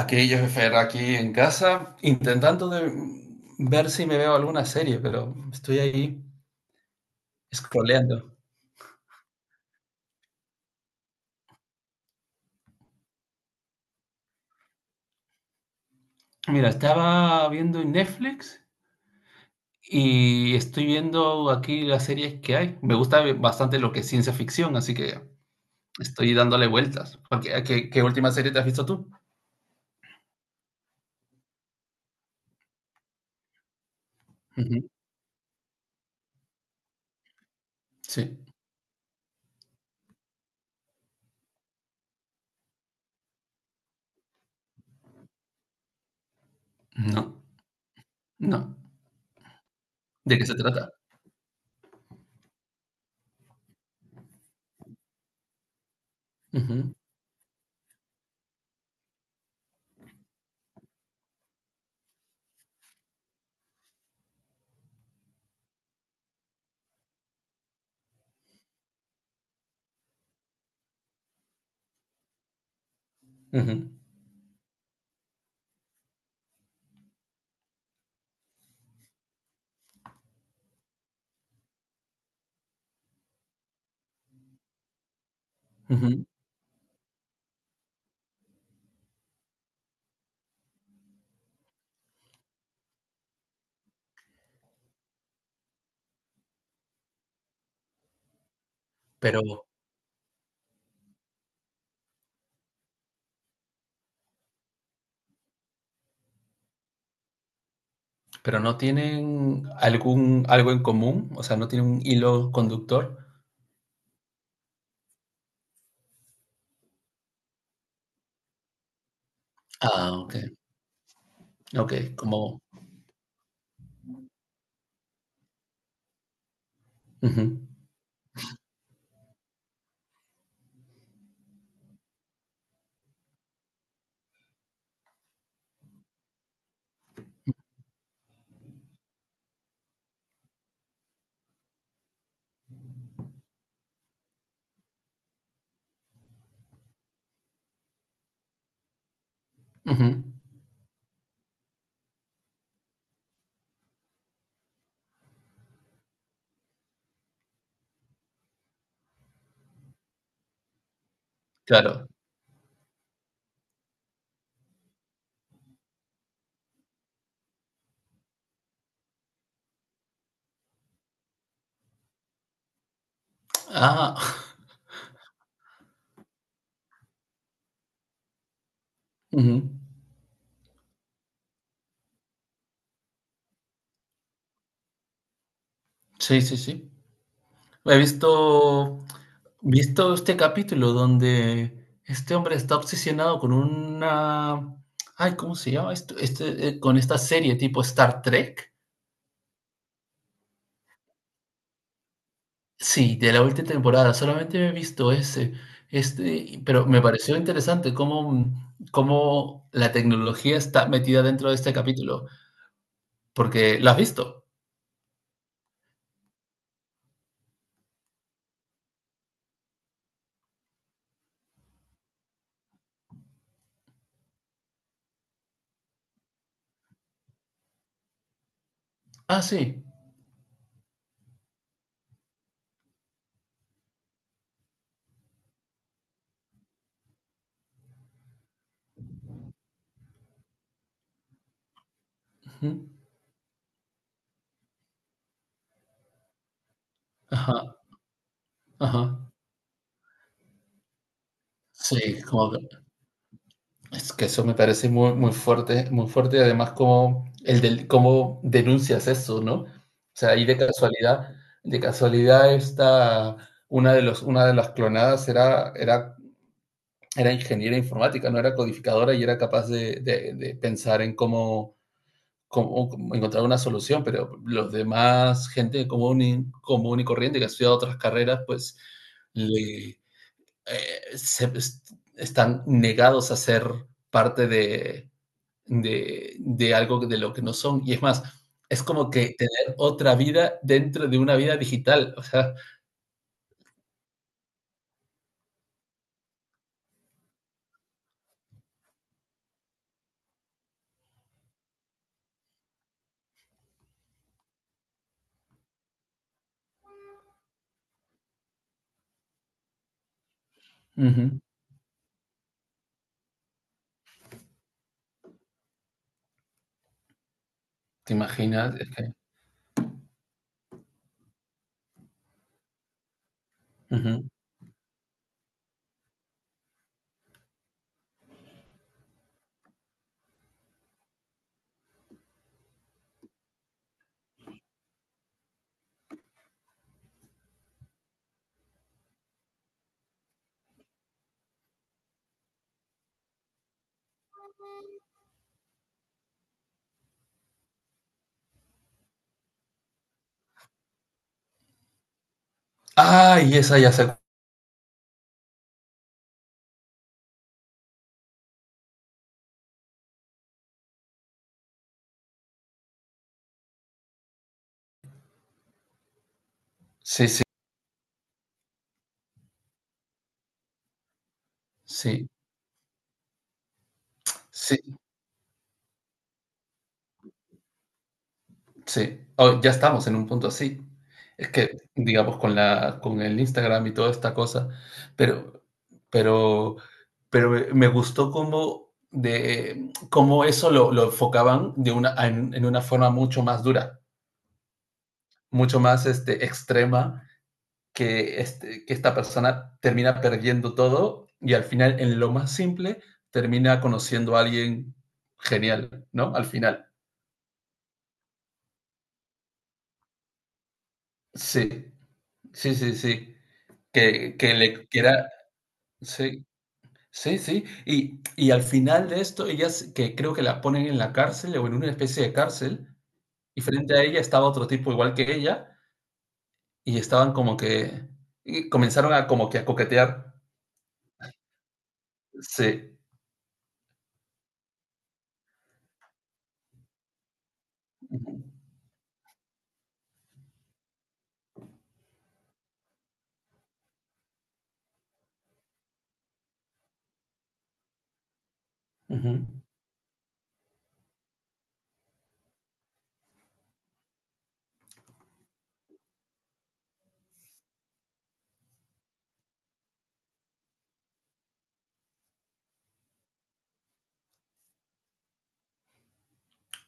Aquí yo, Fer, aquí en casa, intentando de ver si me veo alguna serie, pero estoy ahí scrolleando. Mira, estaba viendo en Netflix y estoy viendo aquí las series que hay. Me gusta bastante lo que es ciencia ficción, así que estoy dándole vueltas. Porque, ¿qué última serie te has visto tú? Ujú, sí. No, no. ¿De qué se trata? Ujú, ujú, ujú. Pero Pero no tienen algún algo en común, o sea, no tienen un hilo conductor. Ah, okey, okey, como ujú, ujú, claro. Ah, ujú. Sí, sí, sí. He visto este capítulo donde este hombre está obsesionado con una, ay, ¿cómo se llama esto? Con esta serie tipo Star Trek. Sí, de la última temporada, solamente he visto ese, pero me pareció interesante cómo la tecnología está metida dentro de este capítulo, porque ¿la has visto? Ah, sí. Ujú. Ajá, ajá. Sí, es que eso me parece muy, muy fuerte, y además como cómo denuncias eso, ¿no? O sea, ahí de casualidad una de las clonadas era ingeniera informática, no era codificadora y era capaz de pensar en cómo encontrar una solución, pero los demás, gente común y corriente que ha estudiado otras carreras, pues le, eh, se, están negados a ser parte de algo de lo que no son. Y es más, es como que tener otra vida dentro de una vida digital. O sea, uh -huh. ¿Te imaginas? Es que, uh -huh. Ay, ah, esa ya se. Sí, sí. Sí, sí, sí. Oh, ya estamos en un punto así. Es que, digamos, con el Instagram y toda esta cosa, pero, pero, pero me gustó cómo eso lo enfocaban en una forma mucho más dura, mucho más extrema, que esta persona termina perdiendo todo y al final, en lo más simple, termina conociendo a alguien genial, ¿no? Al final. Sí, sí, sí, sí. Que le quiera, sí, sí, sí. Y al final de esto, ellas que creo que la ponen en la cárcel o en una especie de cárcel, y frente a ella estaba otro tipo igual que ella, y estaban como que y comenzaron a como que a coquetear. Sí. Ujú, ujú.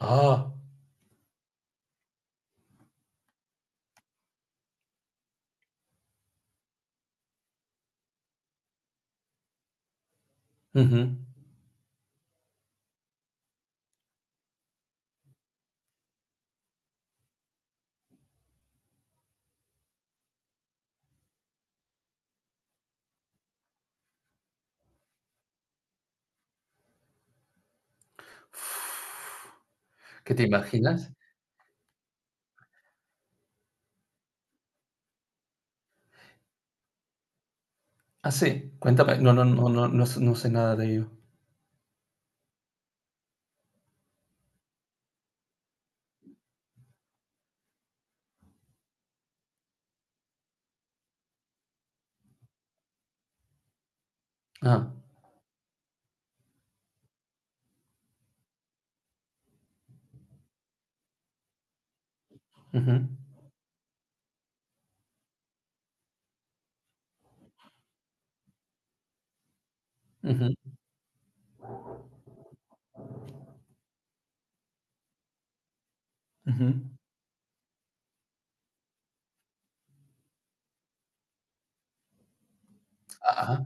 Ah, ujú. ¿Qué te imaginas? Ah, sí, cuéntame. No, no, no, no, no, no sé nada de ello. Ah, ujú, ujú, ujú. Ah,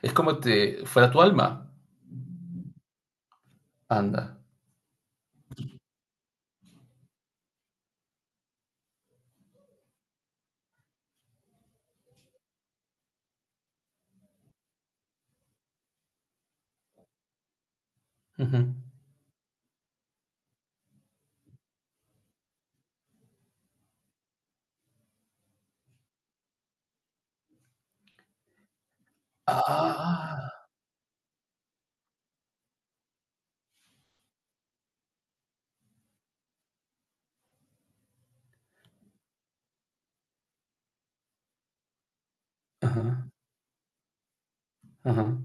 es como te fuera tu alma. Anda. Ujú. Ah. Ajá, ajá.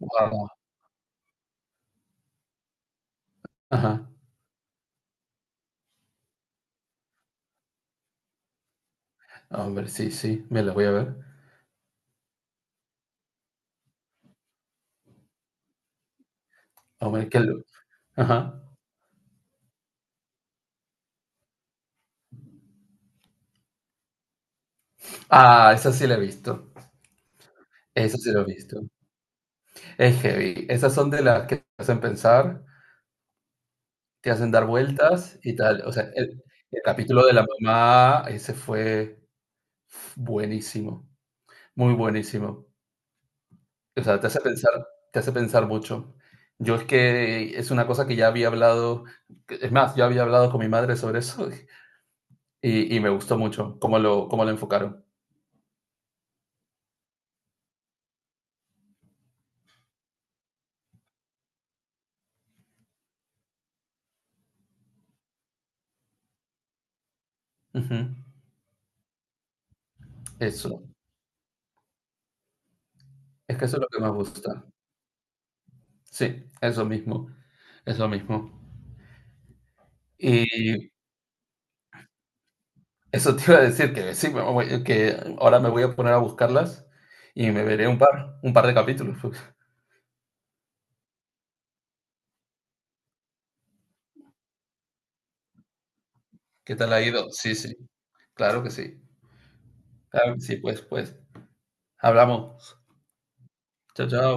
Guau. Ajá. Hombre, sí, sí, me la voy a ver. Hombre, qué luz. Ajá. Ah, esa sí la he visto. Esa sí la he visto. Es heavy. Esas son de las que te hacen pensar, te hacen dar vueltas y tal. O sea, el capítulo de la mamá, ese fue buenísimo, muy buenísimo. O sea, te hace pensar mucho. Yo es que es una cosa que ya había hablado, es más, yo había hablado con mi madre sobre eso y me gustó mucho cómo lo enfocaron. Ujú. Eso, es que eso es lo que más gusta. Sí, eso mismo, eso mismo. Y eso te iba a decir que sí, que ahora me voy a poner a buscarlas y me veré un par de capítulos. Pues. ¿Qué tal ha ido? Sí, sí, claro que sí. Claro que sí, pues, pues. Hablamos. Chao, chao.